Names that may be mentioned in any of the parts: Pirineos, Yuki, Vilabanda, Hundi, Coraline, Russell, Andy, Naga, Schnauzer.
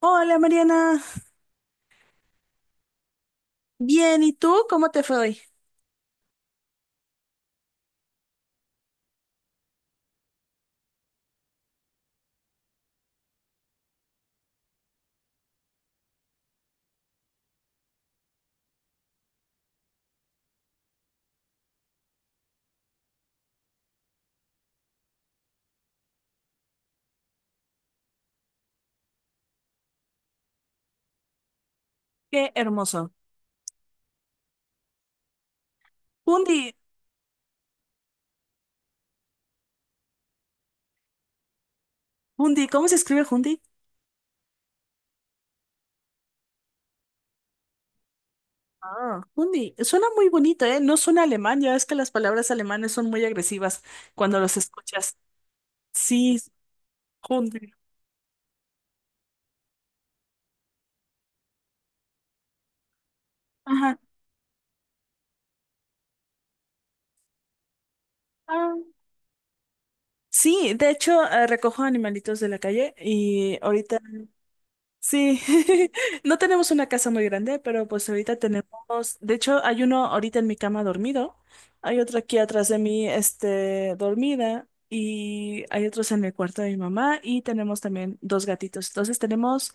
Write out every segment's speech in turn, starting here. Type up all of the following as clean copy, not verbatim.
Hola Mariana, bien, ¿y tú? ¿Cómo te fue hoy? Qué hermoso. Hundi, Hundi, ¿cómo se escribe Hundi? Ah, Hundi, suena muy bonito, ¿eh? No suena alemán, ya ves que las palabras alemanas son muy agresivas cuando los escuchas. Sí, Hundi. Ajá. Ah, sí, de hecho, recojo animalitos de la calle y ahorita sí, no tenemos una casa muy grande, pero pues ahorita tenemos, de hecho hay uno ahorita en mi cama dormido, hay otro aquí atrás de mí, este, dormida, y hay otros en el cuarto de mi mamá, y tenemos también dos gatitos. Entonces tenemos,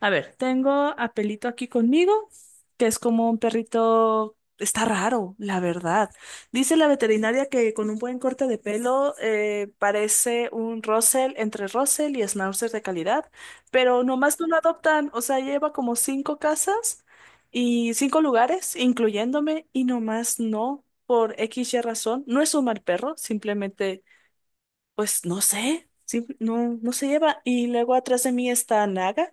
a ver, tengo a Pelito aquí conmigo, que es como un perrito, está raro, la verdad. Dice la veterinaria que con un buen corte de pelo parece un Russell, entre Russell y Schnauzer de calidad, pero nomás no lo adoptan, o sea, lleva como cinco casas y cinco lugares, incluyéndome, y nomás no, por X y razón. No es un mal perro, simplemente, pues no sé, no, no se lleva. Y luego atrás de mí está Naga,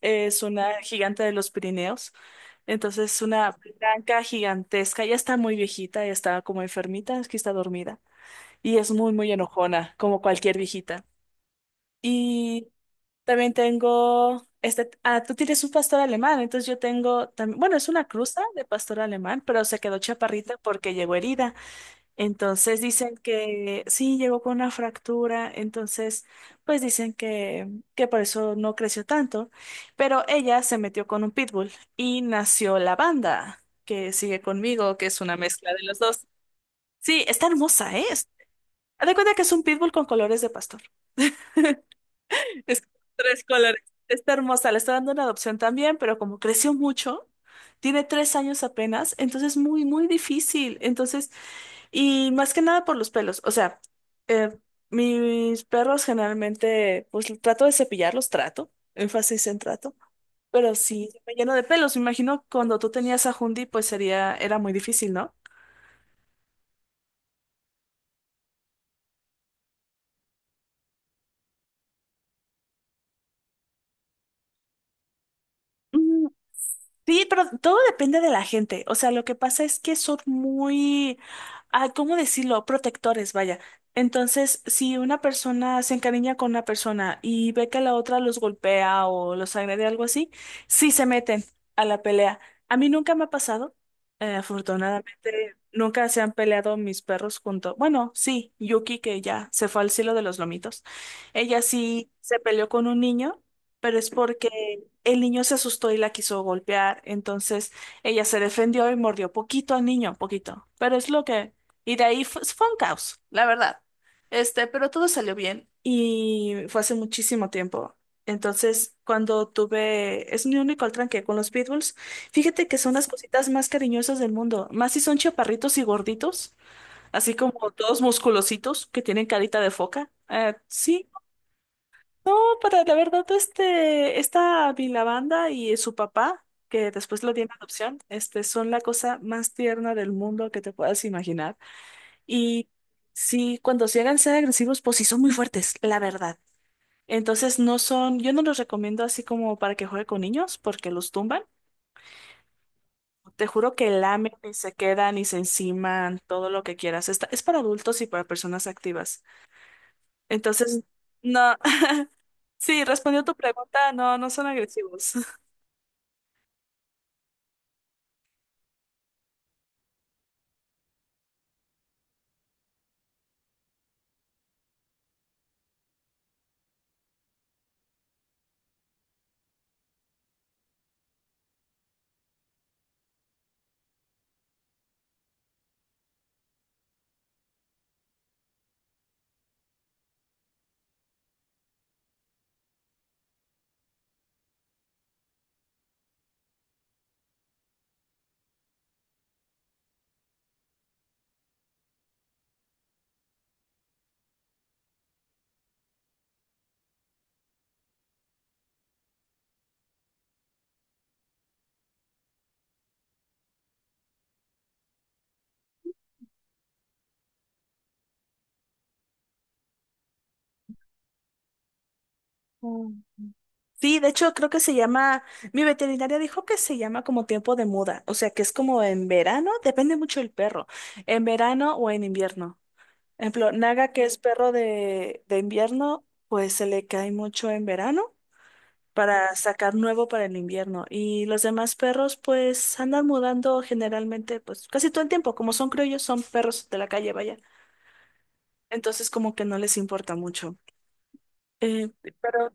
es una gigante de los Pirineos. Entonces es una blanca gigantesca, ya está muy viejita, ya está como enfermita, es que está dormida. Y es muy, muy enojona, como cualquier viejita. Y también tengo, este, ah, tú tienes un pastor alemán, entonces yo tengo también, bueno, es una cruza de pastor alemán, pero se quedó chaparrita porque llegó herida. Entonces dicen que sí, llegó con una fractura, entonces pues que por eso no creció tanto, pero ella se metió con un pitbull y nació la banda que sigue conmigo, que es una mezcla de los dos. Sí, está hermosa, ¿eh? Haz de cuenta que es un pitbull con colores de pastor. Es tres colores. Está hermosa, le está dando una adopción también, pero como creció mucho, tiene tres años apenas, entonces es muy, muy difícil. Entonces... Y más que nada por los pelos. O sea, eh, mis perros generalmente, pues trato de cepillarlos, trato, énfasis en trato, pero sí me lleno de pelos. Me imagino cuando tú tenías a Hundi, pues sería, era muy difícil, ¿no? Sí, pero todo depende de la gente. O sea, lo que pasa es que son muy, ah, ¿cómo decirlo? Protectores, vaya. Entonces, si una persona se encariña con una persona y ve que la otra los golpea o los agrede, algo así, sí se meten a la pelea. A mí nunca me ha pasado. Afortunadamente, nunca se han peleado mis perros junto. Bueno, sí, Yuki, que ya se fue al cielo de los lomitos. Ella sí se peleó con un niño, pero es porque el niño se asustó y la quiso golpear, entonces ella se defendió y mordió poquito al niño, poquito. Pero es lo que... Y de ahí fue un caos, la verdad. Este, pero todo salió bien y fue hace muchísimo tiempo. Entonces, cuando tuve... Es mi único tranque con los pitbulls. Fíjate que son las cositas más cariñosas del mundo, más si son chaparritos y gorditos, así como todos musculositos que tienen carita de foca. Sí. No, para la verdad, este, esta Vilabanda y su papá, que después lo tiene adopción, este, son la cosa más tierna del mundo que te puedas imaginar. Y sí, cuando sí llegan a ser agresivos, pues sí son muy fuertes, la verdad. Entonces no son, yo no los recomiendo así como para que juegue con niños, porque los tumban. Te juro que lamen y se quedan y se enciman, todo lo que quieras. Es para adultos y para personas activas. Entonces, no, sí, respondió tu pregunta, no, no son agresivos. Sí, de hecho creo que se llama, mi veterinaria dijo que se llama como tiempo de muda, o sea que es como en verano, depende mucho del perro, en verano o en invierno. Por ejemplo, Naga, que es perro de invierno, pues se le cae mucho en verano para sacar nuevo para el invierno. Y los demás perros pues andan mudando generalmente pues casi todo el tiempo, como son criollos, son perros de la calle, vaya. Entonces como que no les importa mucho. Eh, pero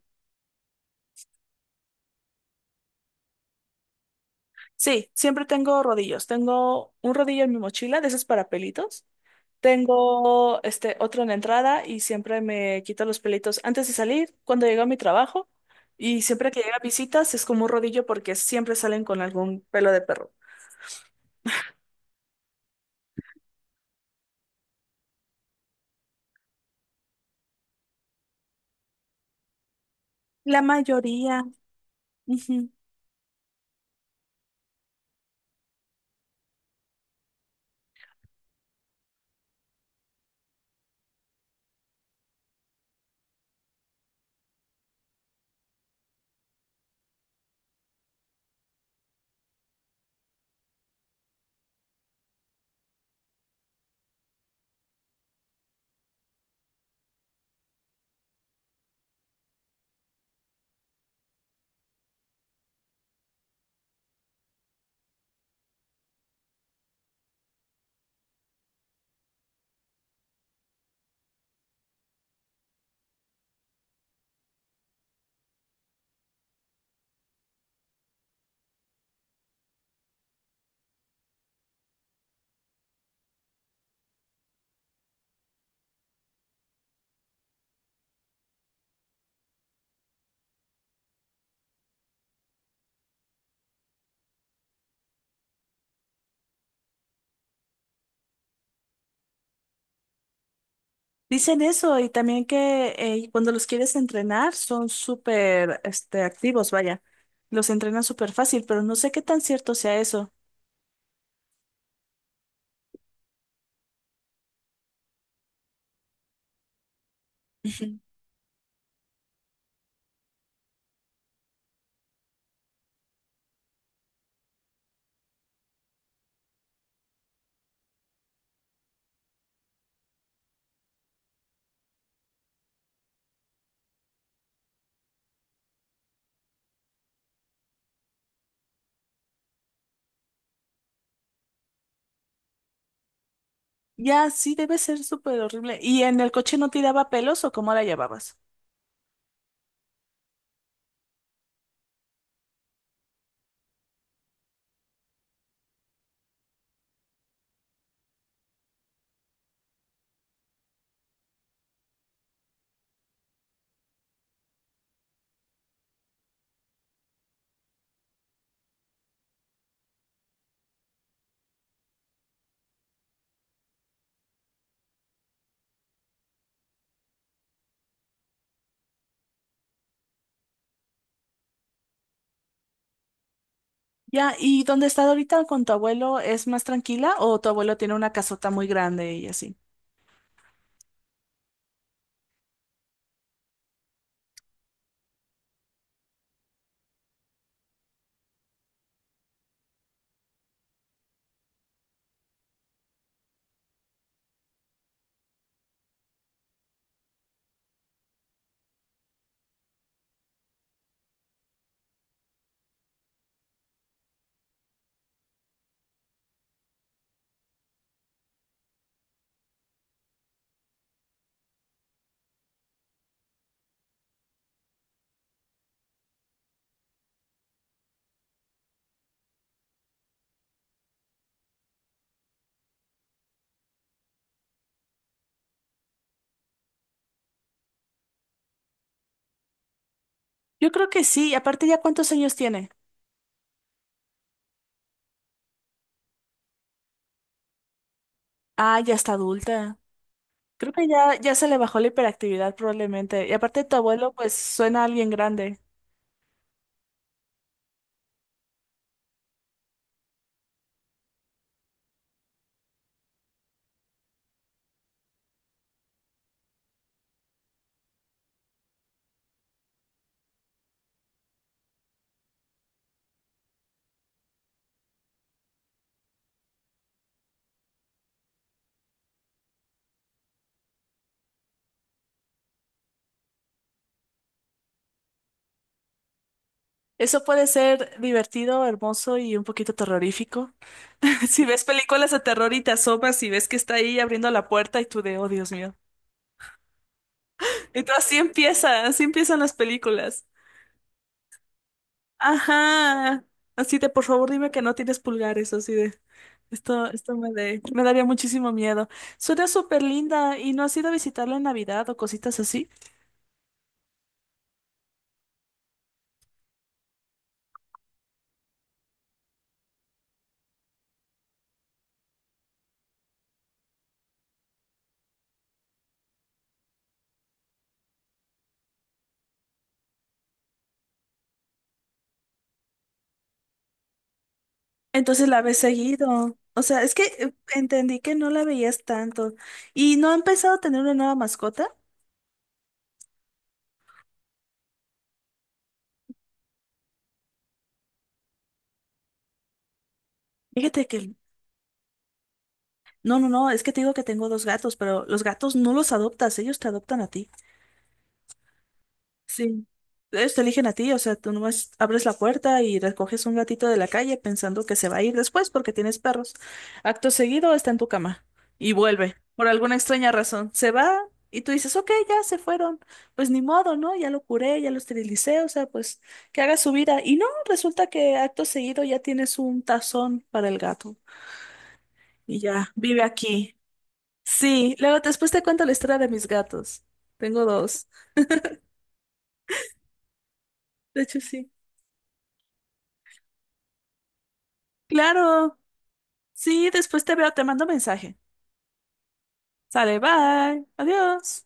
sí, siempre tengo rodillos. Tengo un rodillo en mi mochila, de esos para pelitos. Tengo este otro en la entrada y siempre me quito los pelitos antes de salir, cuando llego a mi trabajo. Y siempre que llega visitas es como un rodillo porque siempre salen con algún pelo de perro. La mayoría, ujú. Dicen eso y también que cuando los quieres entrenar son súper este, activos, vaya. Los entrenan súper fácil, pero no sé qué tan cierto sea eso. Ya, sí, debe ser súper horrible. ¿Y en el coche no tiraba pelos o cómo la llevabas? Ya, ¿y dónde está ahorita con tu abuelo? ¿Es más tranquila o tu abuelo tiene una casota muy grande y así? Yo creo que sí, y aparte ya cuántos años tiene. Ah, ya está adulta. Creo que ya, ya se le bajó la hiperactividad probablemente. Y aparte tu abuelo pues suena a alguien grande. Eso puede ser divertido, hermoso y un poquito terrorífico. Si ves películas de terror y te asomas y ves que está ahí abriendo la puerta y tú de, oh Dios mío. Entonces así empieza, así empiezan las películas. Ajá. Así de, por favor, dime que no tienes pulgares, así de. Me daría muchísimo miedo. Suena súper linda. ¿Y no has ido a visitarla en Navidad o cositas así? Entonces la ves seguido. O sea, es que entendí que no la veías tanto. ¿Y no ha empezado a tener una nueva mascota? Fíjate que no, no, no, es que te digo que tengo dos gatos, pero los gatos no los adoptas, ellos te adoptan a ti. Sí. Ellos te eligen a ti, o sea, tú nomás abres la puerta y recoges un gatito de la calle pensando que se va a ir después porque tienes perros. Acto seguido está en tu cama y vuelve, por alguna extraña razón. Se va y tú dices, ok, ya se fueron. Pues ni modo, ¿no? Ya lo curé, ya lo esterilicé, o sea, pues que haga su vida. Y no, resulta que acto seguido ya tienes un tazón para el gato y ya vive aquí. Sí, luego después te cuento la historia de mis gatos. Tengo dos. De hecho, sí. Claro. Sí, después te veo, te mando mensaje. Sale, bye. Adiós.